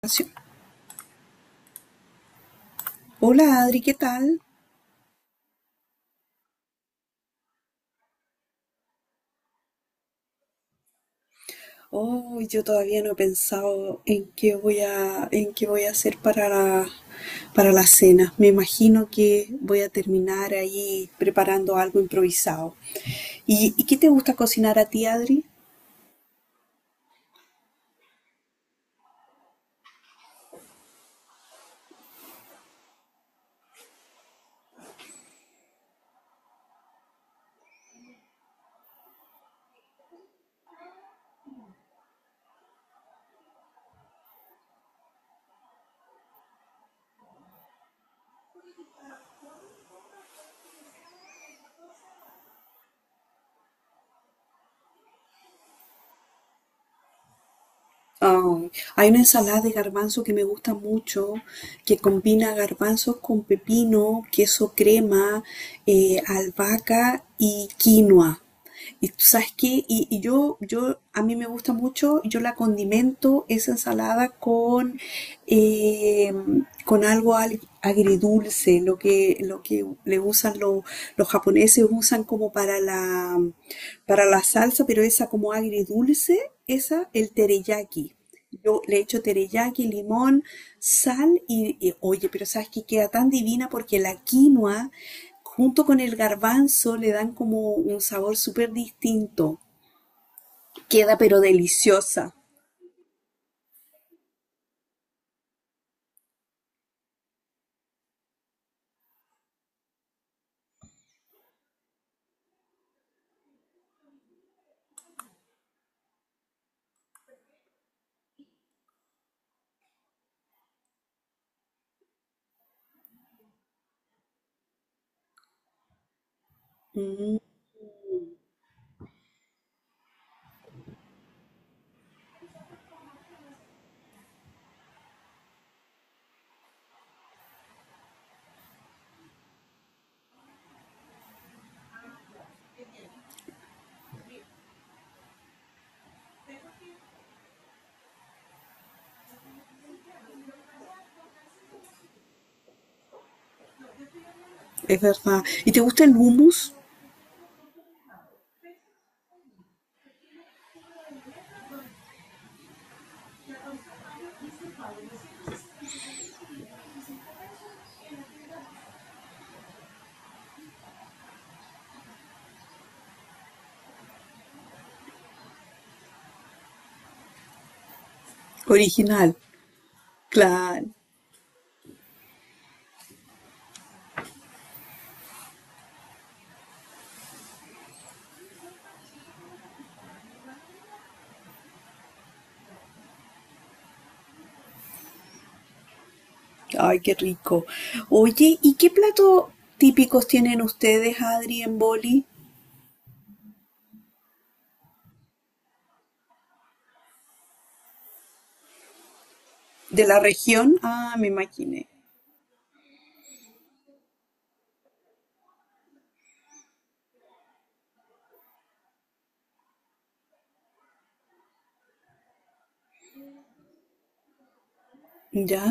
Grabación. Hola Adri, ¿qué tal? Oh, yo todavía no he pensado en qué voy a hacer para la cena. Me imagino que voy a terminar ahí preparando algo improvisado. ¿Y qué te gusta cocinar a ti, Adri? Ay, hay una ensalada de garbanzo que me gusta mucho, que combina garbanzos con pepino, queso crema, albahaca y quinoa. Y tú sabes qué, y yo, a mí me gusta mucho, yo la condimento esa ensalada eh, con algo agridulce, lo que le usan los japoneses, usan como para la salsa, pero esa como agridulce, esa, el teriyaki. Yo le echo teriyaki, limón, sal y, oye, pero sabes que queda tan divina porque la quinoa junto con el garbanzo le dan como un sabor súper distinto. Queda pero deliciosa. Mm, es verdad. ¿Y te gusta el hummus original? Claro. Ay, qué rico. Oye, ¿y qué platos típicos tienen ustedes, Adri, en Boli? ¿De la región? Ah, me imaginé. ¿Ya?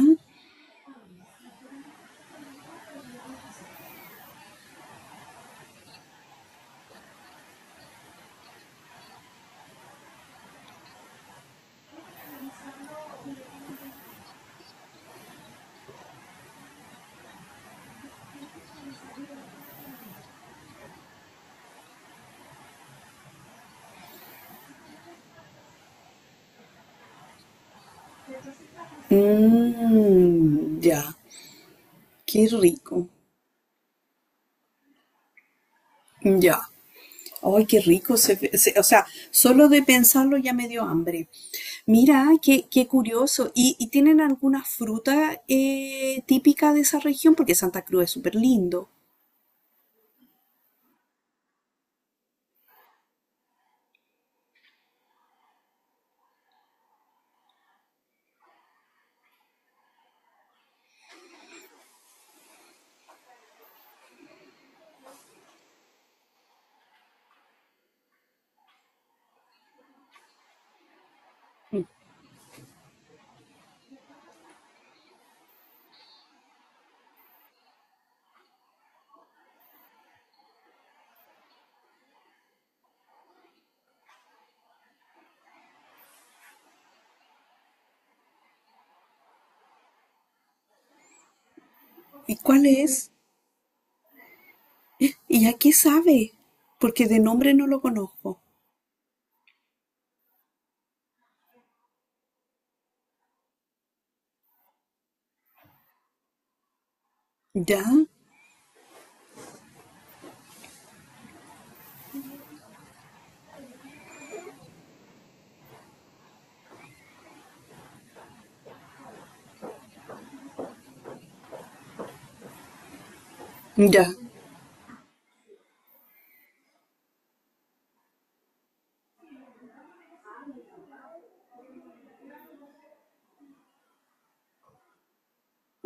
Mm, ya. Qué rico. Ya. Ay, qué rico. O sea, solo de pensarlo ya me dio hambre. Mira, qué curioso. ¿Y tienen alguna fruta típica de esa región? Porque Santa Cruz es súper lindo. ¿Y cuál es? ¿Y a qué sabe? Porque de nombre no lo conozco. ¿Ya? Ya.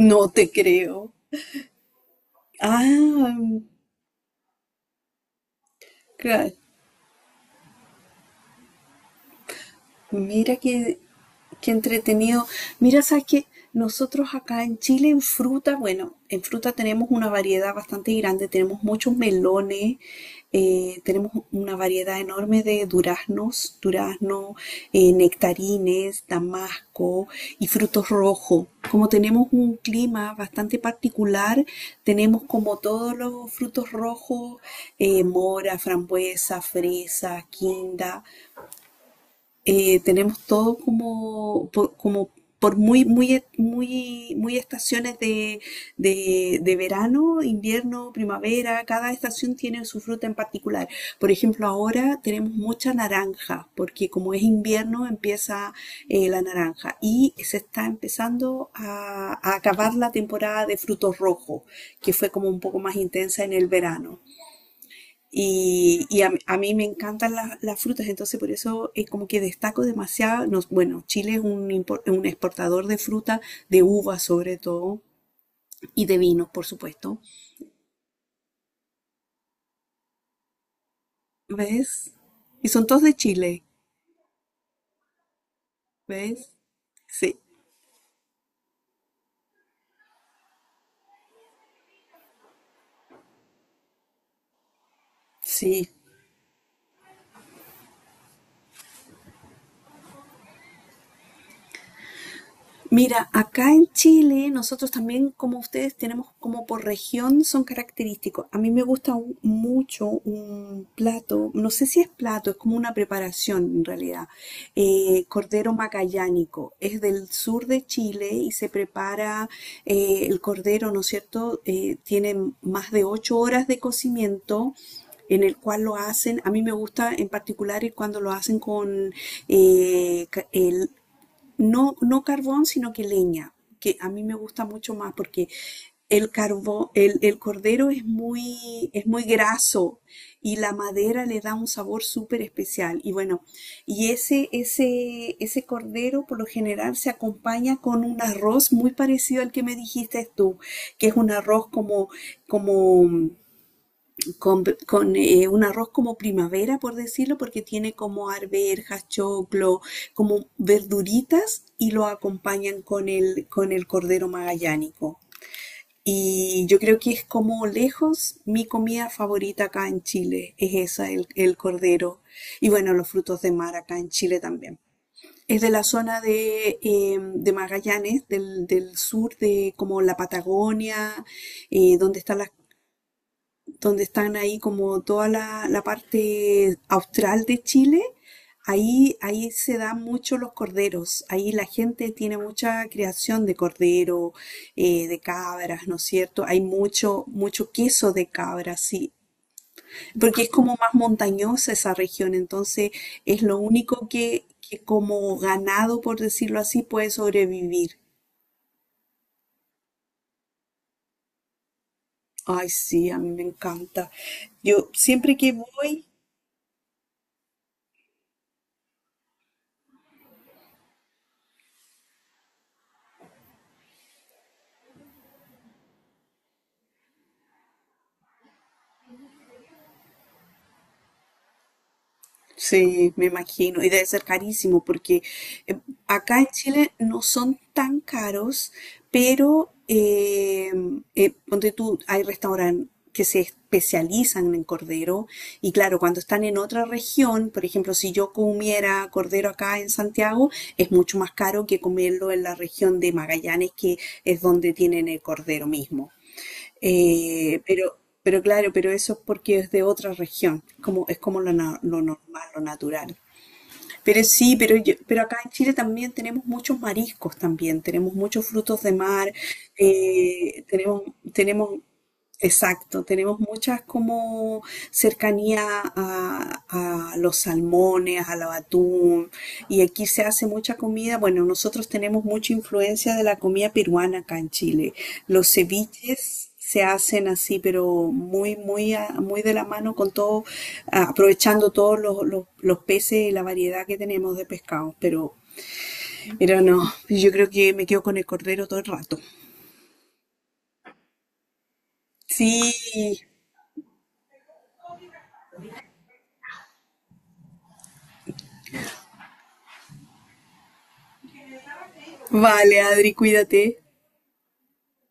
No te creo. Ah, claro. Mira qué entretenido. Mira, sabes que nosotros acá en Chile en fruta, bueno, en fruta tenemos una variedad bastante grande, tenemos muchos melones, tenemos una variedad enorme de duraznos, nectarines, damasco y frutos rojos. Como tenemos un clima bastante particular, tenemos como todos los frutos rojos, mora, frambuesa, fresa, quinda, tenemos todo como por muy, muy, muy, muy estaciones de, de verano, invierno, primavera, cada estación tiene su fruta en particular. Por ejemplo, ahora tenemos mucha naranja, porque como es invierno empieza, la naranja y se está empezando a acabar la temporada de frutos rojos, que fue como un poco más intensa en el verano. Y a mí me encantan las frutas, entonces por eso, como que destaco demasiado. Bueno, Chile es un exportador de fruta, de uvas sobre todo, y de vinos, por supuesto. ¿Ves? Y son todos de Chile, ¿ves? Sí, sí. Mira, acá en Chile nosotros también, como ustedes, tenemos como por región son característicos. A mí me gusta, mucho un plato, no sé si es plato, es como una preparación en realidad. Cordero magallánico. Es del sur de Chile y se prepara, el cordero, ¿no es cierto? Tiene más de 8 horas de cocimiento. En el cual lo hacen, a mí me gusta en particular el cuando lo hacen con, ca- el no, no carbón, sino que leña, que a mí me gusta mucho más porque el carbón, el cordero es muy, graso y la madera le da un sabor súper especial. Y bueno, y ese cordero por lo general se acompaña con un arroz muy parecido al que me dijiste tú, que es un arroz como con un arroz como primavera, por decirlo, porque tiene como arvejas, choclo, como verduritas y lo acompañan con el cordero magallánico. Y yo creo que es como lejos mi comida favorita acá en Chile, es esa, el cordero. Y bueno, los frutos de mar acá en Chile también. Es de la zona de Magallanes, del sur de como la Patagonia, eh, donde están las donde están ahí como toda la parte austral de Chile, ahí se dan mucho los corderos, ahí la gente tiene mucha creación de cordero, de cabras, ¿no es cierto? Hay mucho, mucho queso de cabras, sí, porque es como más montañosa esa región, entonces es lo único que como ganado, por decirlo así, puede sobrevivir. Ay, sí, a mí me encanta. Yo siempre que voy, sí, me imagino. Y debe ser carísimo porque, eh, acá en Chile no son tan caros, pero ponte tú, hay restaurantes que se especializan en cordero. Y claro, cuando están en otra región, por ejemplo, si yo comiera cordero acá en Santiago, es mucho más caro que comerlo en la región de Magallanes, que es donde tienen el cordero mismo. Eh, pero, pero claro, pero eso es porque es de otra región, como, es como lo normal, lo natural. Pero sí, pero acá en Chile también tenemos muchos mariscos también, tenemos muchos frutos de mar, tenemos, tenemos exacto, tenemos muchas como cercanía a los salmones, al atún, y aquí se hace mucha comida. Bueno, nosotros tenemos mucha influencia de la comida peruana acá en Chile. Los ceviches se hacen así, pero muy, muy de la mano con todo, aprovechando todos los, los peces y la variedad que tenemos de pescados. pero, no, yo creo que me quedo con el cordero todo el rato. Sí, vale, Adri, cuídate.